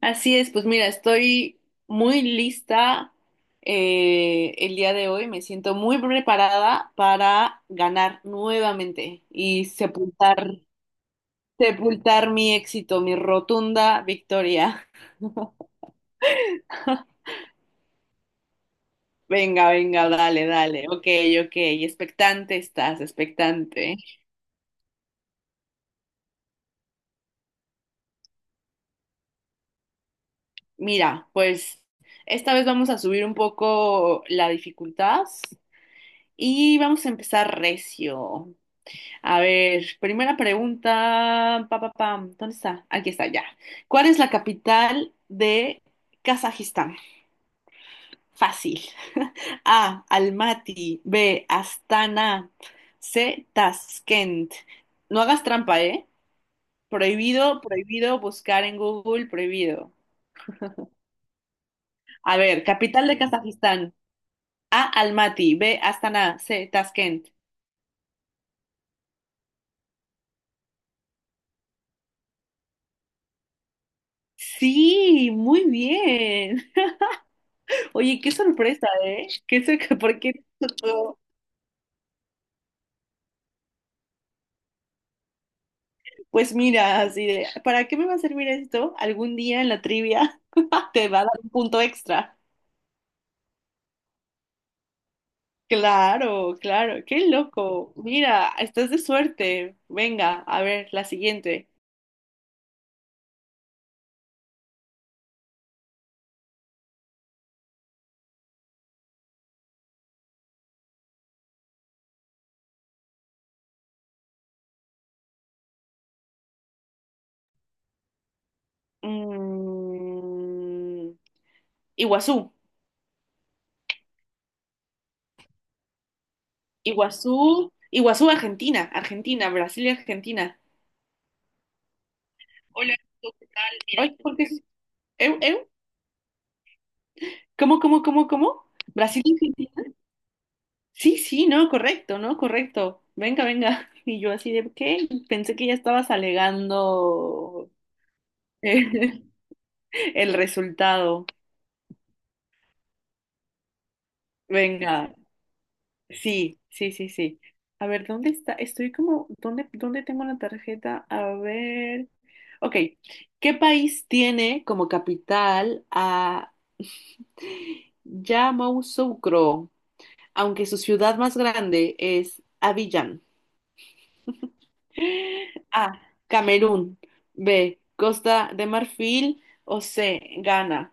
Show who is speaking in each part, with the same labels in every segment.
Speaker 1: Así es, pues mira, estoy muy lista, el día de hoy, me siento muy preparada para ganar nuevamente y sepultar, sepultar mi éxito, mi rotunda victoria. Venga, venga, dale, dale, ok, ok, expectante estás, expectante. Mira, pues esta vez vamos a subir un poco la dificultad y vamos a empezar recio. A ver, primera pregunta. Pa, pa, pam. ¿Dónde está? Aquí está, ya. ¿Cuál es la capital de Kazajistán? Fácil. A. Almaty. B. Astana. C. Tashkent. No hagas trampa, ¿eh? Prohibido, prohibido buscar en Google, prohibido. A ver, capital de Kazajistán. A. Almaty. B. Astana. C. Tashkent. Sí, muy bien. Oye, qué sorpresa, ¿eh? ¿Por qué? Pues mira, así de, ¿para qué me va a servir esto? Algún día en la trivia te va a dar un punto extra. Claro, claro, qué loco. Mira, estás de suerte. Venga, a ver, la siguiente. Mm, Iguazú, Iguazú, Iguazú, Argentina, Argentina, Brasil y Argentina. Hola, ¿qué tal? Ay, ¿por qué? ¿Eh, eh? ¿Cómo, cómo, cómo, cómo? Brasil y Argentina. Sí, sí, no, correcto, no, correcto. Venga, venga. Y yo así de, ¿qué? Pensé que ya estabas alegando eh, el resultado. Venga, sí, sí, sí, sí. A ver, ¿dónde está? Estoy como, ¿dónde, dónde tengo la tarjeta? A ver. Ok, ¿qué país tiene como capital a Yamoussoukro, aunque su ciudad más grande es Abiyán? A. Camerún. B. Costa de Marfil. O C. Ghana.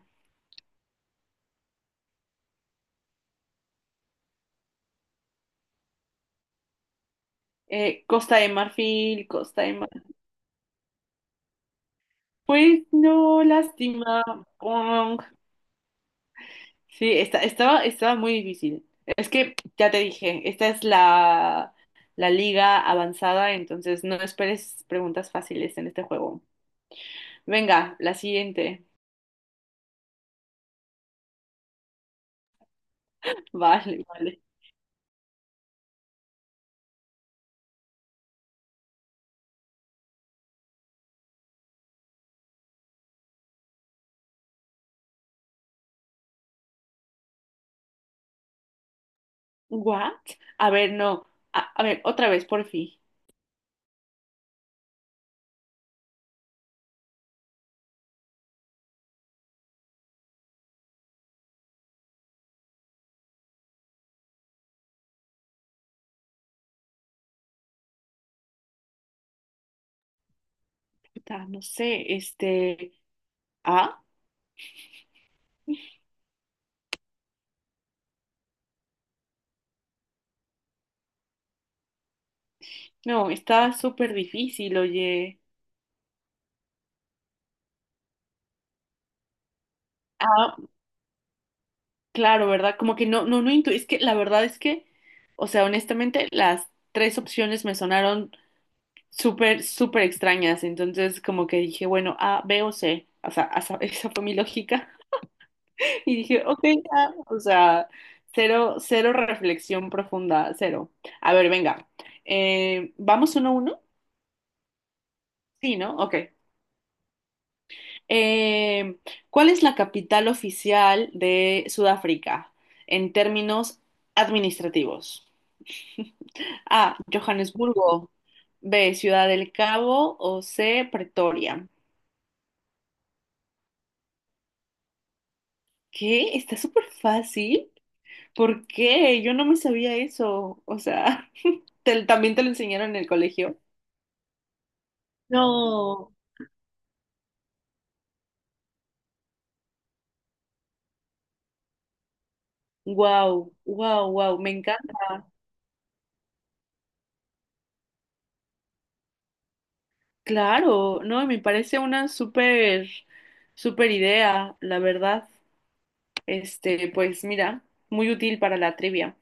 Speaker 1: Costa de Marfil, Costa de Marfil. Pues no, lástima. Pong. Sí, estaba, estaba muy difícil. Es que ya te dije, esta es la liga avanzada, entonces no esperes preguntas fáciles en este juego. Venga, la siguiente. Vale, vale. ¿What? A ver, no. A ver, otra vez, por fin. Puta, no sé, este. ¿A? No, está súper difícil, oye. Ah, claro, ¿verdad? Como que no, no, Es que la verdad es que, o sea, honestamente, las tres opciones me sonaron súper, súper extrañas. Entonces, como que dije, bueno, A, B o C. O sea, esa, esa fue mi lógica. Y dije, ok, ya. O sea, cero, cero reflexión profunda, cero. A ver, venga. ¿Vamos uno a uno? Sí, ¿no? Ok. Eh, ¿Cuál es la capital oficial de Sudáfrica en términos administrativos? A. Johannesburgo. B. Ciudad del Cabo. O C. Pretoria. ¿Qué? Está súper fácil. ¿Por qué? Yo no me sabía eso. O sea, ¿también te lo enseñaron en el colegio? No. Wow, wow, wow. Me encanta. Claro, no, me parece una súper, súper idea, la verdad. Este, pues mira, muy útil para la trivia.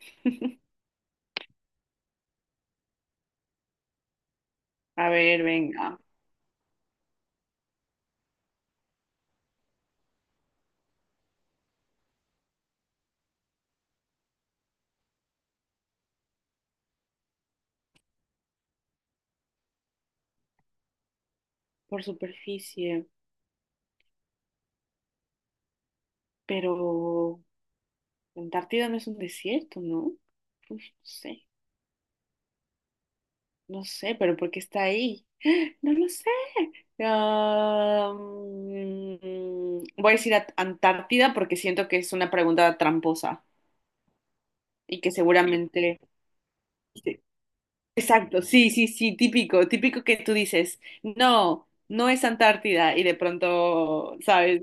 Speaker 1: A ver, venga, por superficie, pero la Antártida no es un desierto, ¿no? Uy, no sé, no sé, pero ¿por qué está ahí? No lo sé. Ah, mm, voy a decir a- Antártida porque siento que es una pregunta tramposa y que seguramente... Sí, exacto, sí, sí, sí, típico, típico que tú dices, no, no es Antártida y de pronto, ¿sabes?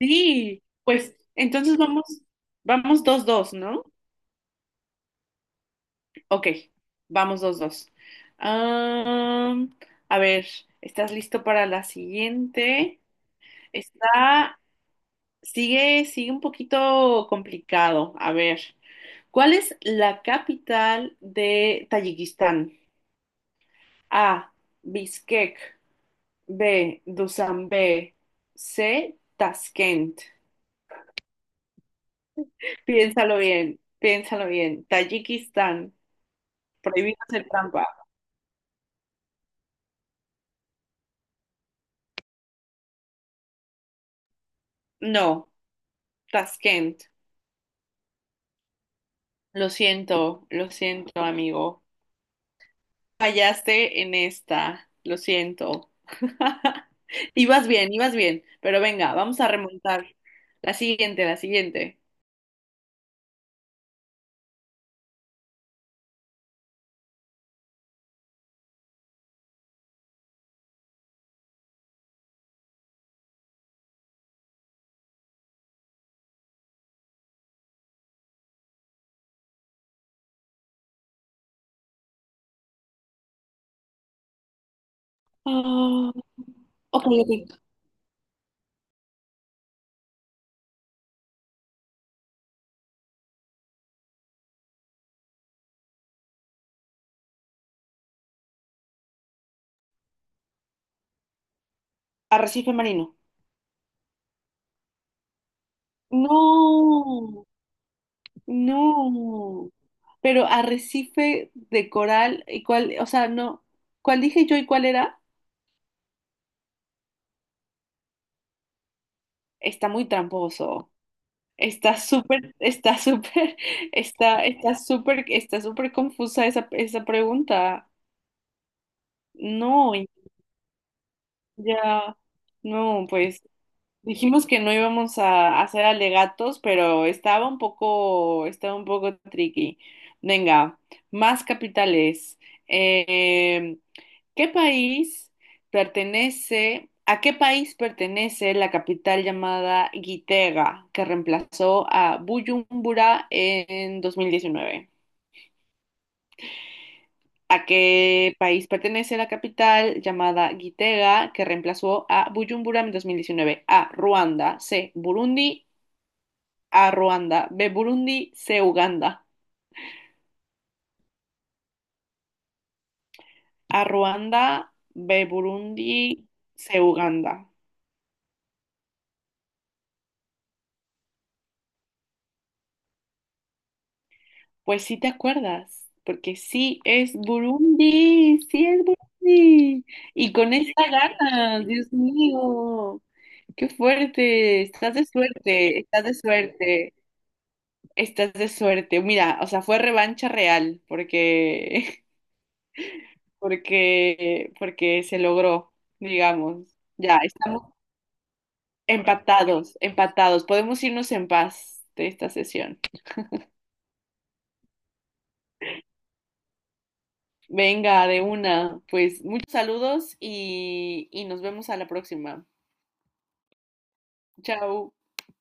Speaker 1: Sí, pues entonces vamos, vamos dos, dos, ¿no? Ok, vamos dos, dos. Am, a ver, ¿estás listo para la siguiente? Está, sigue, sigue un poquito complicado. A ver, ¿cuál es la capital de Tayikistán? A, Bishkek, B, Dushanbe, C, Tashkent. Piénsalo bien, piénsalo bien. Tayikistán. Prohibido hacer trampa. No, Taskent. Lo siento, amigo. Fallaste en esta. Lo siento. Ibas bien, ibas bien. Pero venga, vamos a remontar. La siguiente, la siguiente. Ah, ok, ok. Arrecife marino. No, no. Pero arrecife de coral, ¿y cuál? O sea, no. ¿Cuál dije yo y cuál era? Está muy tramposo. Está súper, está, está súper confusa esa, esa pregunta. No, ya, no, pues dijimos que no íbamos a hacer alegatos, pero estaba un poco tricky. Venga, más capitales. Eh, ¿Qué país ¿a qué país pertenece la capital llamada Gitega, que reemplazó a Buyumbura en 2019? ¿A qué país pertenece la capital llamada Gitega, que reemplazó a Buyumbura en 2019? A, Ruanda, B, Burundi, C, Uganda. A, Ruanda, B, Burundi, C, Uganda. Pues sí te acuerdas, porque sí es Burundi, sí es Burundi. Y con esa gana, Dios mío, qué fuerte, estás de suerte, estás de suerte, estás de suerte. Mira, o sea, fue revancha real, porque, porque, porque se logró, digamos. Ya, estamos empatados, empatados. Podemos irnos en paz de esta sesión. Venga, de una. Pues muchos saludos y nos vemos a la próxima. Chao.